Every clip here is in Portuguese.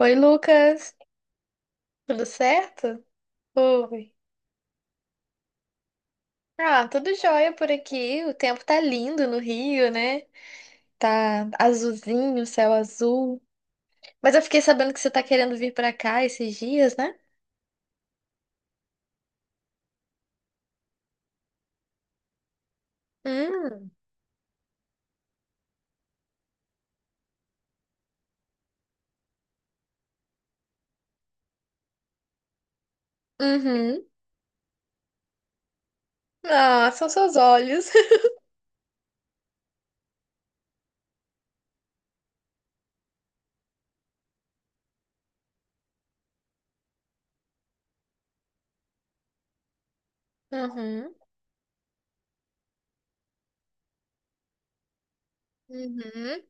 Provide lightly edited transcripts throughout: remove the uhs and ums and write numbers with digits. Oi, Lucas. Tudo certo? Oi. Ah, tudo jóia por aqui. O tempo tá lindo no Rio, né? Tá azulzinho, céu azul. Mas eu fiquei sabendo que você tá querendo vir pra cá esses dias, né? Hum. Uhum. Ah, são seus olhos. Uhum. Uhum.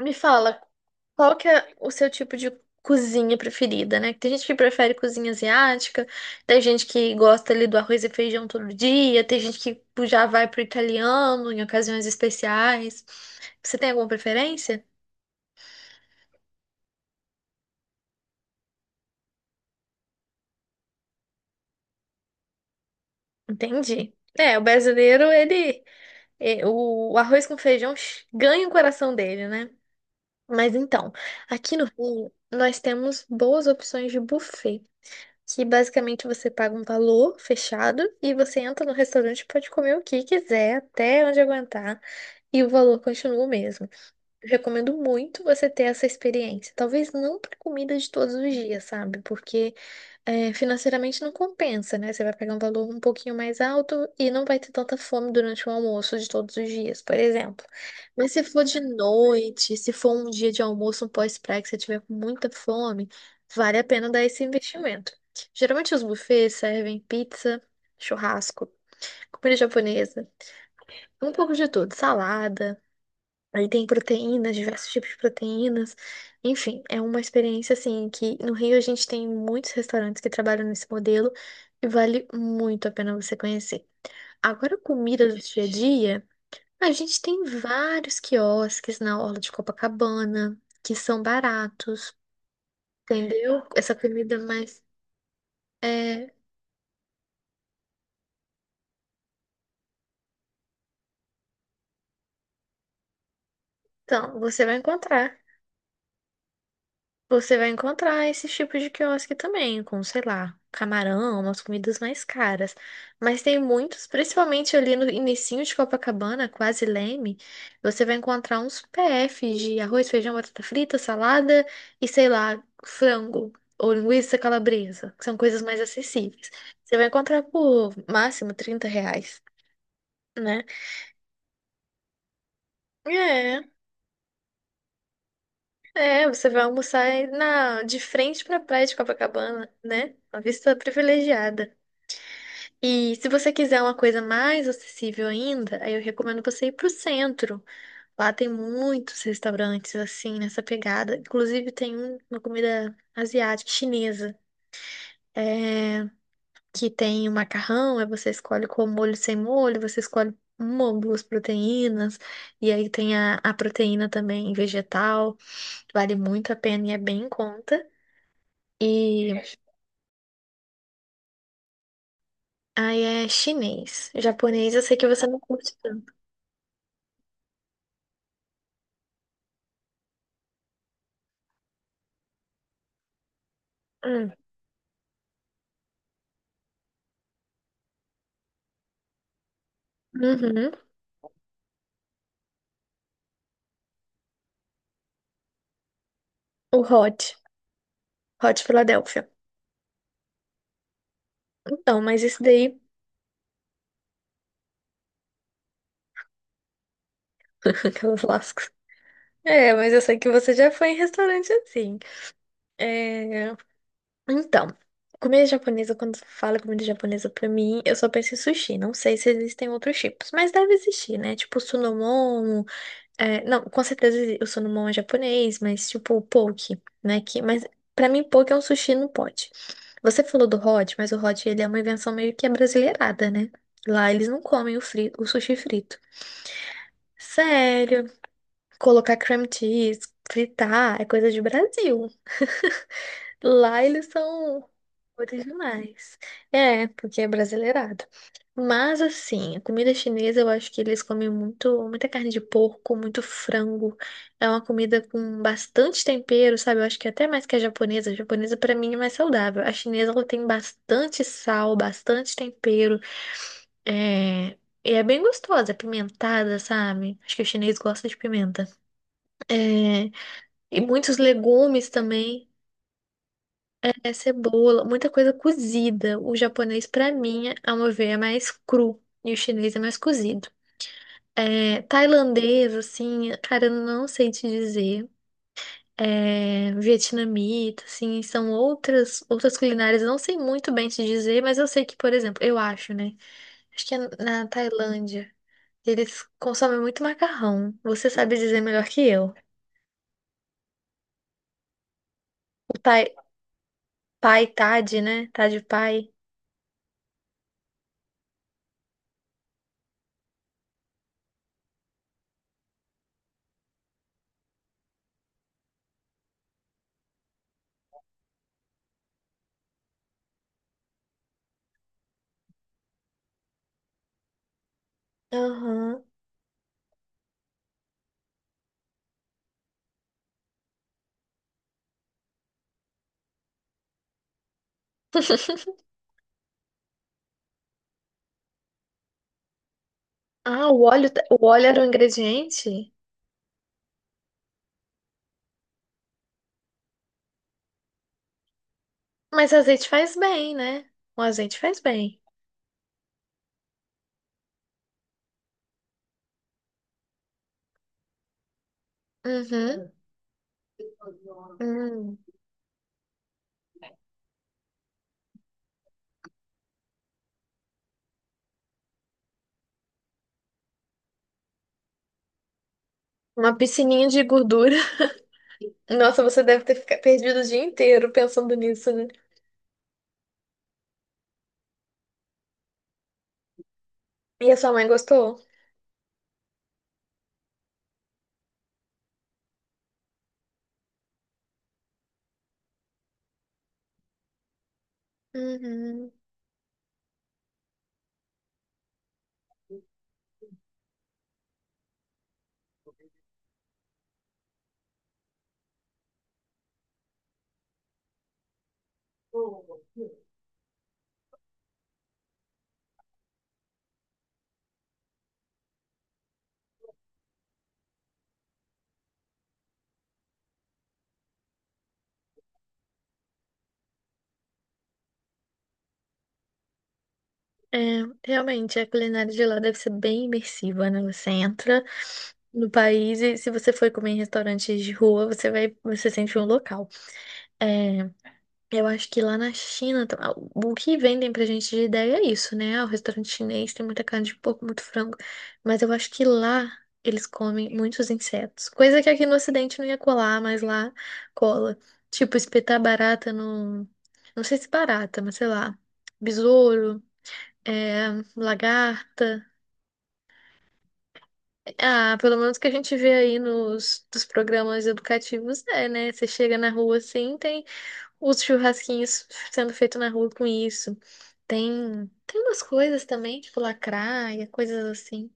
Me fala, qual que é o seu tipo de cozinha preferida, né? Tem gente que prefere cozinha asiática, tem gente que gosta ali do arroz e feijão todo dia, tem gente que já vai pro italiano em ocasiões especiais. Você tem alguma preferência? Entendi. O brasileiro, o arroz com feijão ganha o coração dele, né? Mas então, aqui no Rio, nós temos boas opções de buffet. Que basicamente você paga um valor fechado e você entra no restaurante e pode comer o que quiser, até onde aguentar, e o valor continua o mesmo. Recomendo muito você ter essa experiência. Talvez não para comida de todos os dias, sabe? Porque financeiramente não compensa, né? Você vai pagar um valor um pouquinho mais alto e não vai ter tanta fome durante o almoço de todos os dias, por exemplo. Mas se for de noite, se for um dia de almoço, um pós-praia que você tiver com muita fome, vale a pena dar esse investimento. Geralmente os buffets servem pizza, churrasco, comida japonesa, um pouco de tudo, salada. Aí tem proteínas, diversos tipos de proteínas. Enfim, é uma experiência assim que no Rio a gente tem muitos restaurantes que trabalham nesse modelo e vale muito a pena você conhecer. Agora, comida do dia a dia, a gente tem vários quiosques na orla de Copacabana que são baratos, entendeu? Essa comida mais é, então, você vai encontrar. Você vai encontrar esses tipos de quiosque também, com, sei lá, camarão, umas comidas mais caras. Mas tem muitos, principalmente ali no inicinho de Copacabana, quase Leme, você vai encontrar uns PFs de arroz, feijão, batata frita, salada e, sei lá, frango ou linguiça calabresa, que são coisas mais acessíveis. Você vai encontrar por máximo 30 reais, né? É, é, você vai almoçar aí na, de frente para a praia de Copacabana, né? Uma vista privilegiada. E se você quiser uma coisa mais acessível ainda, aí eu recomendo você ir pro centro. Lá tem muitos restaurantes assim, nessa pegada. Inclusive tem uma comida asiática, chinesa, é, que tem o macarrão, aí você escolhe com molho sem molho, você escolhe uma ou duas proteínas, e aí tem a proteína também vegetal. Vale muito a pena e é bem em conta. E aí é chinês. Japonês, eu sei que você não curte tanto. Hum. Uhum. O hot. Hot Philadelphia. Então, mas isso daí. Aquelas lascas. É, mas eu sei que você já foi em restaurante assim. É... Então, comida japonesa, quando fala comida japonesa pra mim, eu só penso em sushi. Não sei se existem outros tipos, mas deve existir, né? Tipo, sunomon. Não, com certeza o sunomon é japonês, mas tipo, o poke, né? Que... Mas pra mim, poke é um sushi no pote. Você falou do hot, mas o hot ele é uma invenção meio que é brasileirada, né? Lá eles não comem o, fri... o sushi frito. Sério, colocar cream cheese, fritar, é coisa de Brasil. Lá eles são originais. É, porque é brasileirado. Mas assim, a comida chinesa eu acho que eles comem muito, muita carne de porco, muito frango. É uma comida com bastante tempero, sabe? Eu acho que até mais que a japonesa. A japonesa pra mim é mais saudável. A chinesa ela tem bastante sal, bastante tempero. É... E é bem gostosa, é pimentada, sabe? Acho que o chinês gosta de pimenta. É, e muitos legumes também, cebola, muita coisa cozida. O japonês, pra mim, ao meu ver, é mais cru e o chinês é mais cozido. É, tailandês, assim, cara, eu não sei te dizer. É, vietnamita, assim, são outras culinárias. Eu não sei muito bem te dizer, mas eu sei que, por exemplo, eu acho, né? Acho que é na Tailândia. Eles consomem muito macarrão. Você sabe dizer melhor que eu. O pai, pai Thad, né? Thad pai. Aham. Ah, o óleo era um ingrediente? Mas azeite faz bem, né? O azeite faz bem. Uhum. Hum. Uma piscininha de gordura. Nossa, você deve ter perdido o dia inteiro pensando nisso, né? E a sua mãe gostou? Uhum. É, realmente, a culinária de lá deve ser bem imersiva, né? Você entra no país e se você for comer em restaurantes de rua, você vai, você sente um local. É Eu acho que lá na China, tam- ah, o que vendem pra gente de ideia é isso, né? Ah, o restaurante chinês tem muita carne de porco, muito frango. Mas eu acho que lá eles comem muitos insetos. Coisa que aqui no Ocidente não ia colar, mas lá cola. Tipo, espetar barata no. Não sei se barata, mas sei lá. Besouro, é, lagarta. Ah, pelo menos que a gente vê aí nos dos programas educativos, é, né? Você chega na rua assim, tem. Os churrasquinhos sendo feito na rua com isso. Tem umas coisas também, tipo lacraia, coisas assim.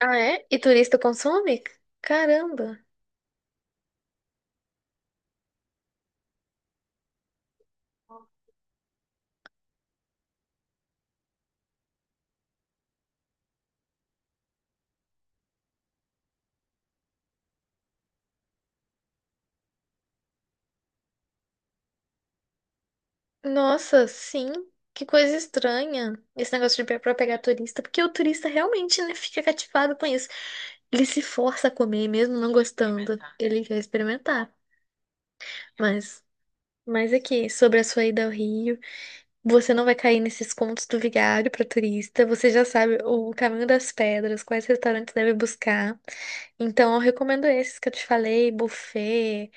Ah, é? E turista consome? Caramba! Nossa, sim. Que coisa estranha esse negócio de pra pegar turista, porque o turista realmente, né, fica cativado com isso. Ele se força a comer, mesmo não gostando. Ele quer experimentar. Mas, mas aqui, sobre a sua ida ao Rio. Você não vai cair nesses contos do vigário para turista. Você já sabe o caminho das pedras, quais restaurantes deve buscar. Então, eu recomendo esses que eu te falei: buffet,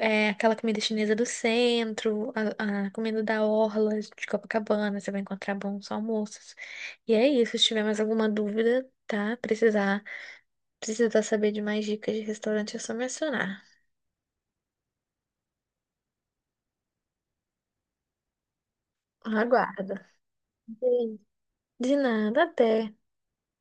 é, aquela comida chinesa do centro, a comida da orla de Copacabana. Você vai encontrar bons almoços. E é isso. Se tiver mais alguma dúvida, tá? Precisar saber de mais dicas de restaurante, é só mencionar. Aguarda. De nada, até.